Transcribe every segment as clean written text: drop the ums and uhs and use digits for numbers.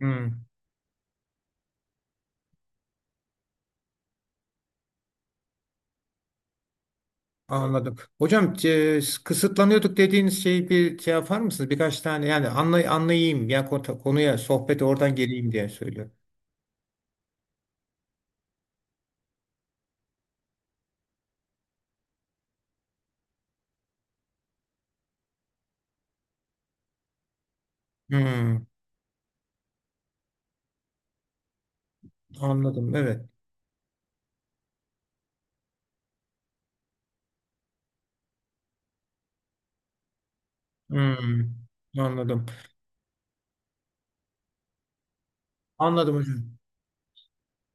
Hmm, anladım. Hocam kısıtlanıyorduk dediğiniz şeyi bir şey yapar mısınız? Birkaç tane yani anlayayım ya konuya sohbeti oradan geleyim diye söylüyorum. Hmm, anladım, evet. Hmm, anladım. Anladım hocam.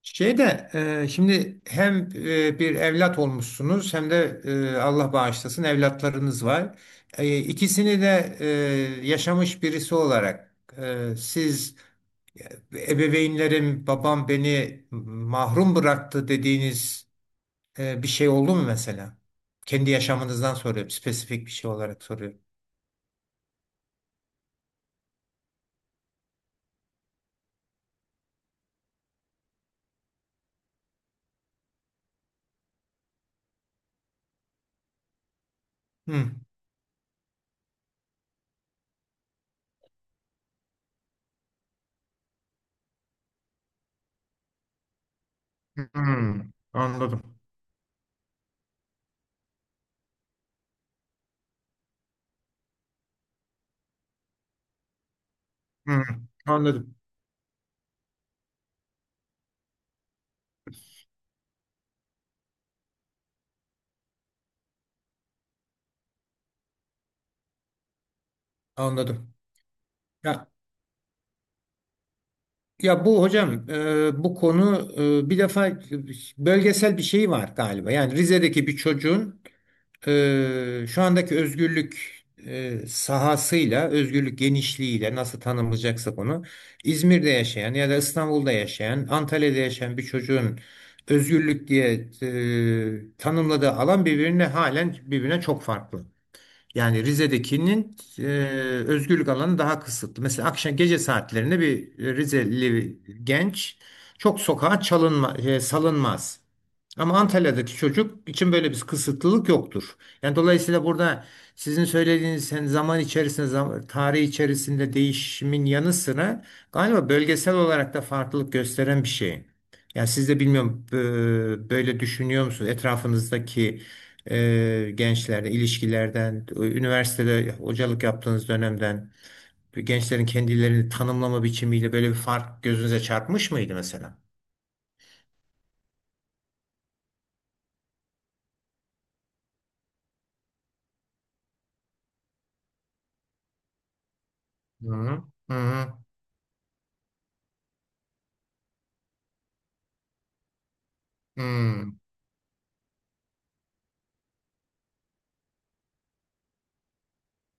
Şey de, şimdi hem bir evlat olmuşsunuz hem de Allah bağışlasın evlatlarınız var. İkisini de yaşamış birisi olarak e, siz, E, ebeveynlerim, babam beni mahrum bıraktı dediğiniz bir şey oldu mu mesela? Kendi yaşamınızdan soruyorum. Spesifik bir şey olarak soruyorum. Hı. Anladım. Hmm, anladım. Anladım. Ya ya bu hocam, bu konu, bir defa bölgesel bir şey var galiba. Yani Rize'deki bir çocuğun, şu andaki özgürlük sahasıyla, özgürlük genişliğiyle nasıl tanımlayacaksak onu, İzmir'de yaşayan ya da İstanbul'da yaşayan, Antalya'da yaşayan bir çocuğun özgürlük diye tanımladığı alan halen birbirine çok farklı. Yani Rize'dekinin özgürlük alanı daha kısıtlı. Mesela akşam gece saatlerinde bir Rizeli genç çok sokağa salınmaz. Ama Antalya'daki çocuk için böyle bir kısıtlılık yoktur. Yani dolayısıyla burada sizin söylediğiniz sen zaman içerisinde, tarih içerisinde değişimin yanı sıra galiba bölgesel olarak da farklılık gösteren bir şey. Yani siz de bilmiyorum, böyle düşünüyor musunuz? Etrafınızdaki gençlerle ilişkilerden, üniversitede hocalık yaptığınız dönemden gençlerin kendilerini tanımlama biçimiyle böyle bir fark gözünüze çarpmış mıydı mesela? Hı hı. Hı hı. Hı.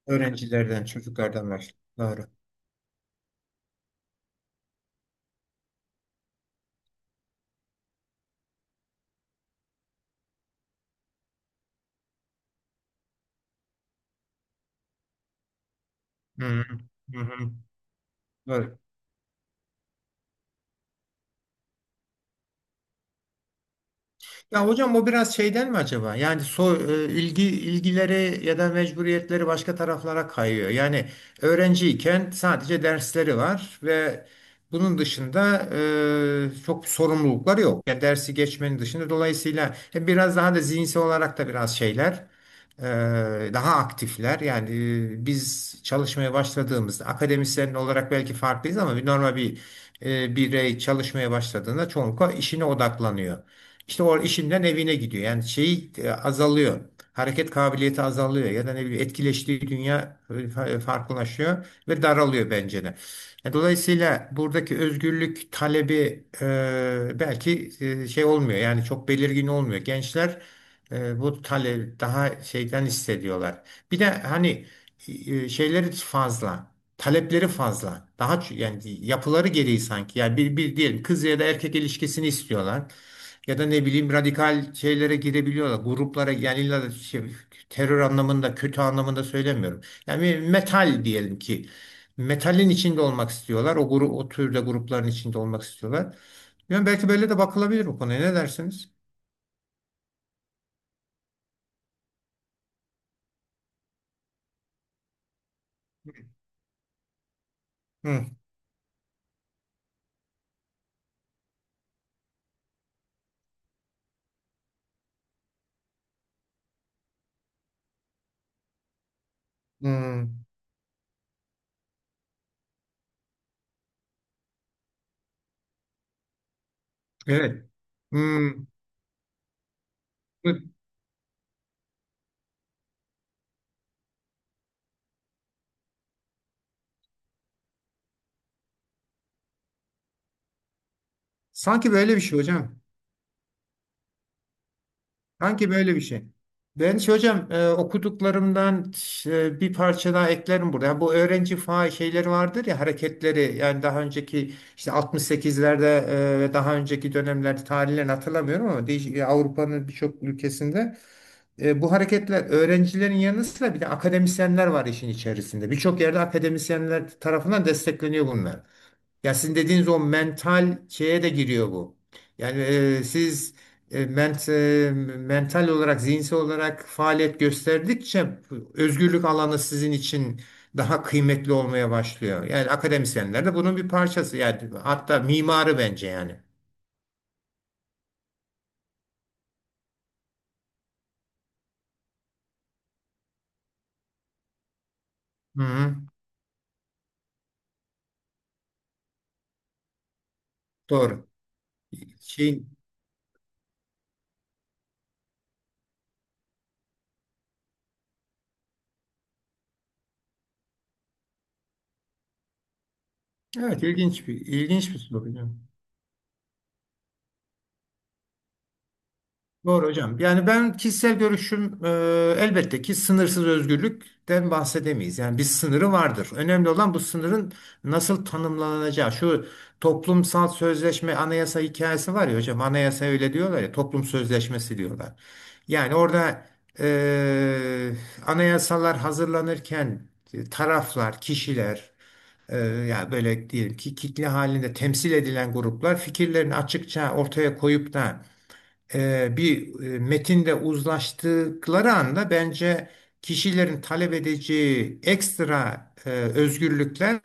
Öğrencilerden, çocuklardan var. Doğru. Hı hı. Hı hı. Doğru. Ya hocam, o biraz şeyden mi acaba? Yani ilgileri ya da mecburiyetleri başka taraflara kayıyor. Yani öğrenciyken sadece dersleri var ve bunun dışında çok sorumlulukları yok. Yani dersi geçmenin dışında, dolayısıyla biraz daha da zihinsel olarak da biraz şeyler, e, daha aktifler. Yani biz çalışmaya başladığımızda akademisyen olarak belki farklıyız ama normal bir birey çalışmaya başladığında çoğunlukla işine odaklanıyor. İşte o işinden evine gidiyor. Yani şey, azalıyor. Hareket kabiliyeti azalıyor ya da ne bileyim etkileştiği dünya farklılaşıyor ve daralıyor bence de. Dolayısıyla buradaki özgürlük talebi belki şey olmuyor, yani çok belirgin olmuyor. Gençler bu talebi daha şeyden hissediyorlar. Bir de hani şeyleri fazla. Talepleri fazla. Yani yapıları gereği sanki. Yani bir diyelim kız ya da erkek ilişkisini istiyorlar. Ya da ne bileyim radikal şeylere girebiliyorlar. Gruplara, yani illa da şey, terör anlamında, kötü anlamında söylemiyorum. Yani metal diyelim ki, metalin içinde olmak istiyorlar. O grup, o türde grupların içinde olmak istiyorlar. Yani belki böyle de bakılabilir bu konuya. Ne dersiniz? Hı. Hı. Evet. Hı. Sanki böyle bir şey hocam. Sanki böyle bir şey. Ben şey hocam, okuduklarımdan bir parça daha eklerim burada. Yani bu öğrenci faal şeyleri vardır ya, hareketleri, yani daha önceki işte 68'lerde ve daha önceki dönemlerde, tarihlerini hatırlamıyorum ama, Avrupa'nın birçok ülkesinde bu hareketler öğrencilerin yanı sıra bir de akademisyenler var işin içerisinde. Birçok yerde akademisyenler tarafından destekleniyor bunlar. Ya sizin dediğiniz o mental şeye de giriyor bu. Yani e, siz e, ment, e, mental olarak, zihinsel olarak faaliyet gösterdikçe özgürlük alanı sizin için daha kıymetli olmaya başlıyor. Yani akademisyenler de bunun bir parçası. Yani hatta mimarı bence yani. Hı hı, doğru. Şey, evet, ilginç bir soru. Doğru hocam. Yani ben kişisel görüşüm, elbette ki sınırsız özgürlükten bahsedemeyiz. Yani bir sınırı vardır. Önemli olan bu sınırın nasıl tanımlanacağı. Şu toplumsal sözleşme, anayasa hikayesi var ya hocam. Anayasa öyle diyorlar ya, toplum sözleşmesi diyorlar. Yani orada e, anayasalar hazırlanırken taraflar, kişiler, yani böyle diyelim ki kitle halinde temsil edilen gruplar fikirlerini açıkça ortaya koyup da metinde uzlaştıkları anda bence kişilerin talep edeceği ekstra özgürlükler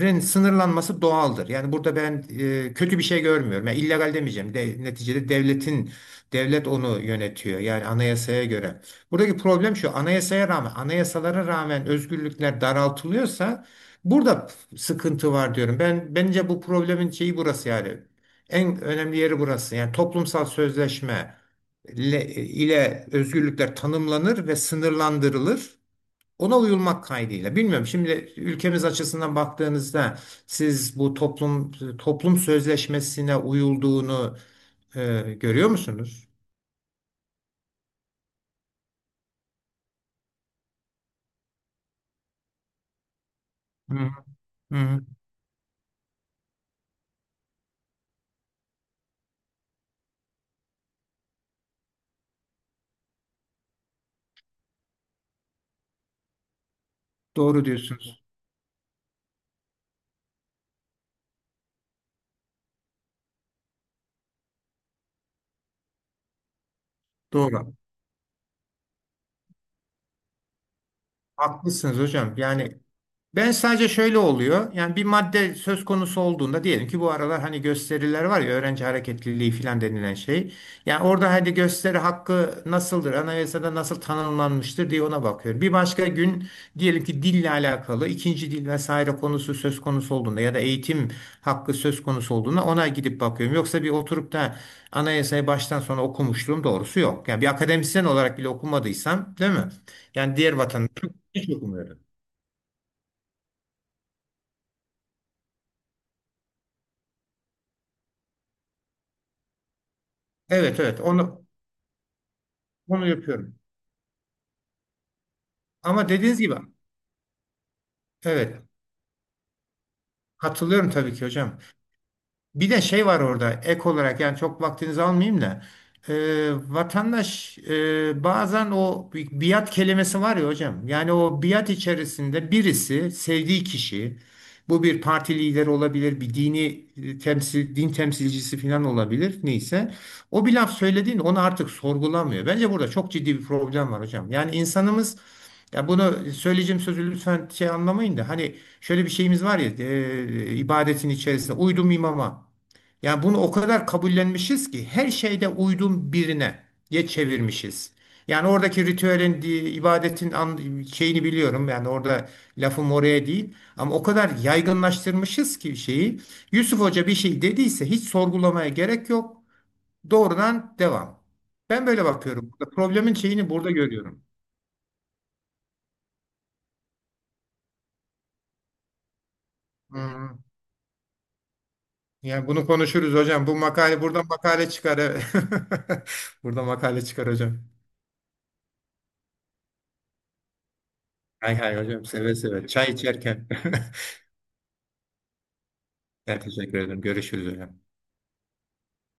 rin sınırlanması doğaldır. Yani burada ben kötü bir şey görmüyorum. Yani illegal demeyeceğim. De, neticede devlet onu yönetiyor. Yani anayasaya göre. Buradaki problem şu. Anayasalara rağmen özgürlükler daraltılıyorsa burada sıkıntı var diyorum. Ben, bence bu problemin şeyi burası yani. En önemli yeri burası. Yani toplumsal sözleşme ile özgürlükler tanımlanır ve sınırlandırılır. Ona uyulmak kaydıyla. Bilmiyorum, şimdi ülkemiz açısından baktığınızda siz bu toplum sözleşmesine uyulduğunu görüyor musunuz? Hı hı. Doğru diyorsunuz. Doğru. Haklısınız hocam. Yani ben sadece şöyle oluyor. Yani bir madde söz konusu olduğunda, diyelim ki bu aralar hani gösteriler var ya, öğrenci hareketliliği filan denilen şey. Yani orada hadi gösteri hakkı nasıldır, anayasada nasıl tanımlanmıştır diye ona bakıyorum. Bir başka gün diyelim ki dille alakalı ikinci dil vesaire konusu söz konusu olduğunda ya da eğitim hakkı söz konusu olduğunda ona gidip bakıyorum. Yoksa bir oturup da anayasayı baştan sona okumuşluğum doğrusu yok. Yani bir akademisyen olarak bile okumadıysam, değil mi? Yani diğer vatandaş hiç okumuyorum. Evet, onu onu yapıyorum. Ama dediğiniz gibi, evet, katılıyorum tabii ki hocam. Bir de şey var orada ek olarak, yani çok vaktinizi almayayım da e, vatandaş, bazen o, biat kelimesi var ya hocam, yani o biat içerisinde birisi sevdiği kişi, bu bir parti lideri olabilir, bir dini e, temsil din temsilcisi falan olabilir, neyse, o bir laf söylediğinde onu artık sorgulamıyor. Bence burada çok ciddi bir problem var hocam, yani insanımız, ya bunu söyleyeceğim, sözü lütfen şey anlamayın da hani, şöyle bir şeyimiz var ya, ibadetin içerisinde uydum imama. Yani bunu o kadar kabullenmişiz ki her şeyde uydum birine diye çevirmişiz. Yani oradaki ritüelin, ibadetin, şeyini biliyorum. Yani orada lafım oraya değil. Ama o kadar yaygınlaştırmışız ki şeyi. Yusuf Hoca bir şey dediyse hiç sorgulamaya gerek yok. Doğrudan devam. Ben böyle bakıyorum. Problemin şeyini burada görüyorum. Hı. Yani bunu konuşuruz hocam. Bu makale, buradan makale çıkar, evet. Burada makale çıkar hocam. Hay hay hocam, seve seve. Çay içerken. Ben teşekkür ederim. Görüşürüz hocam.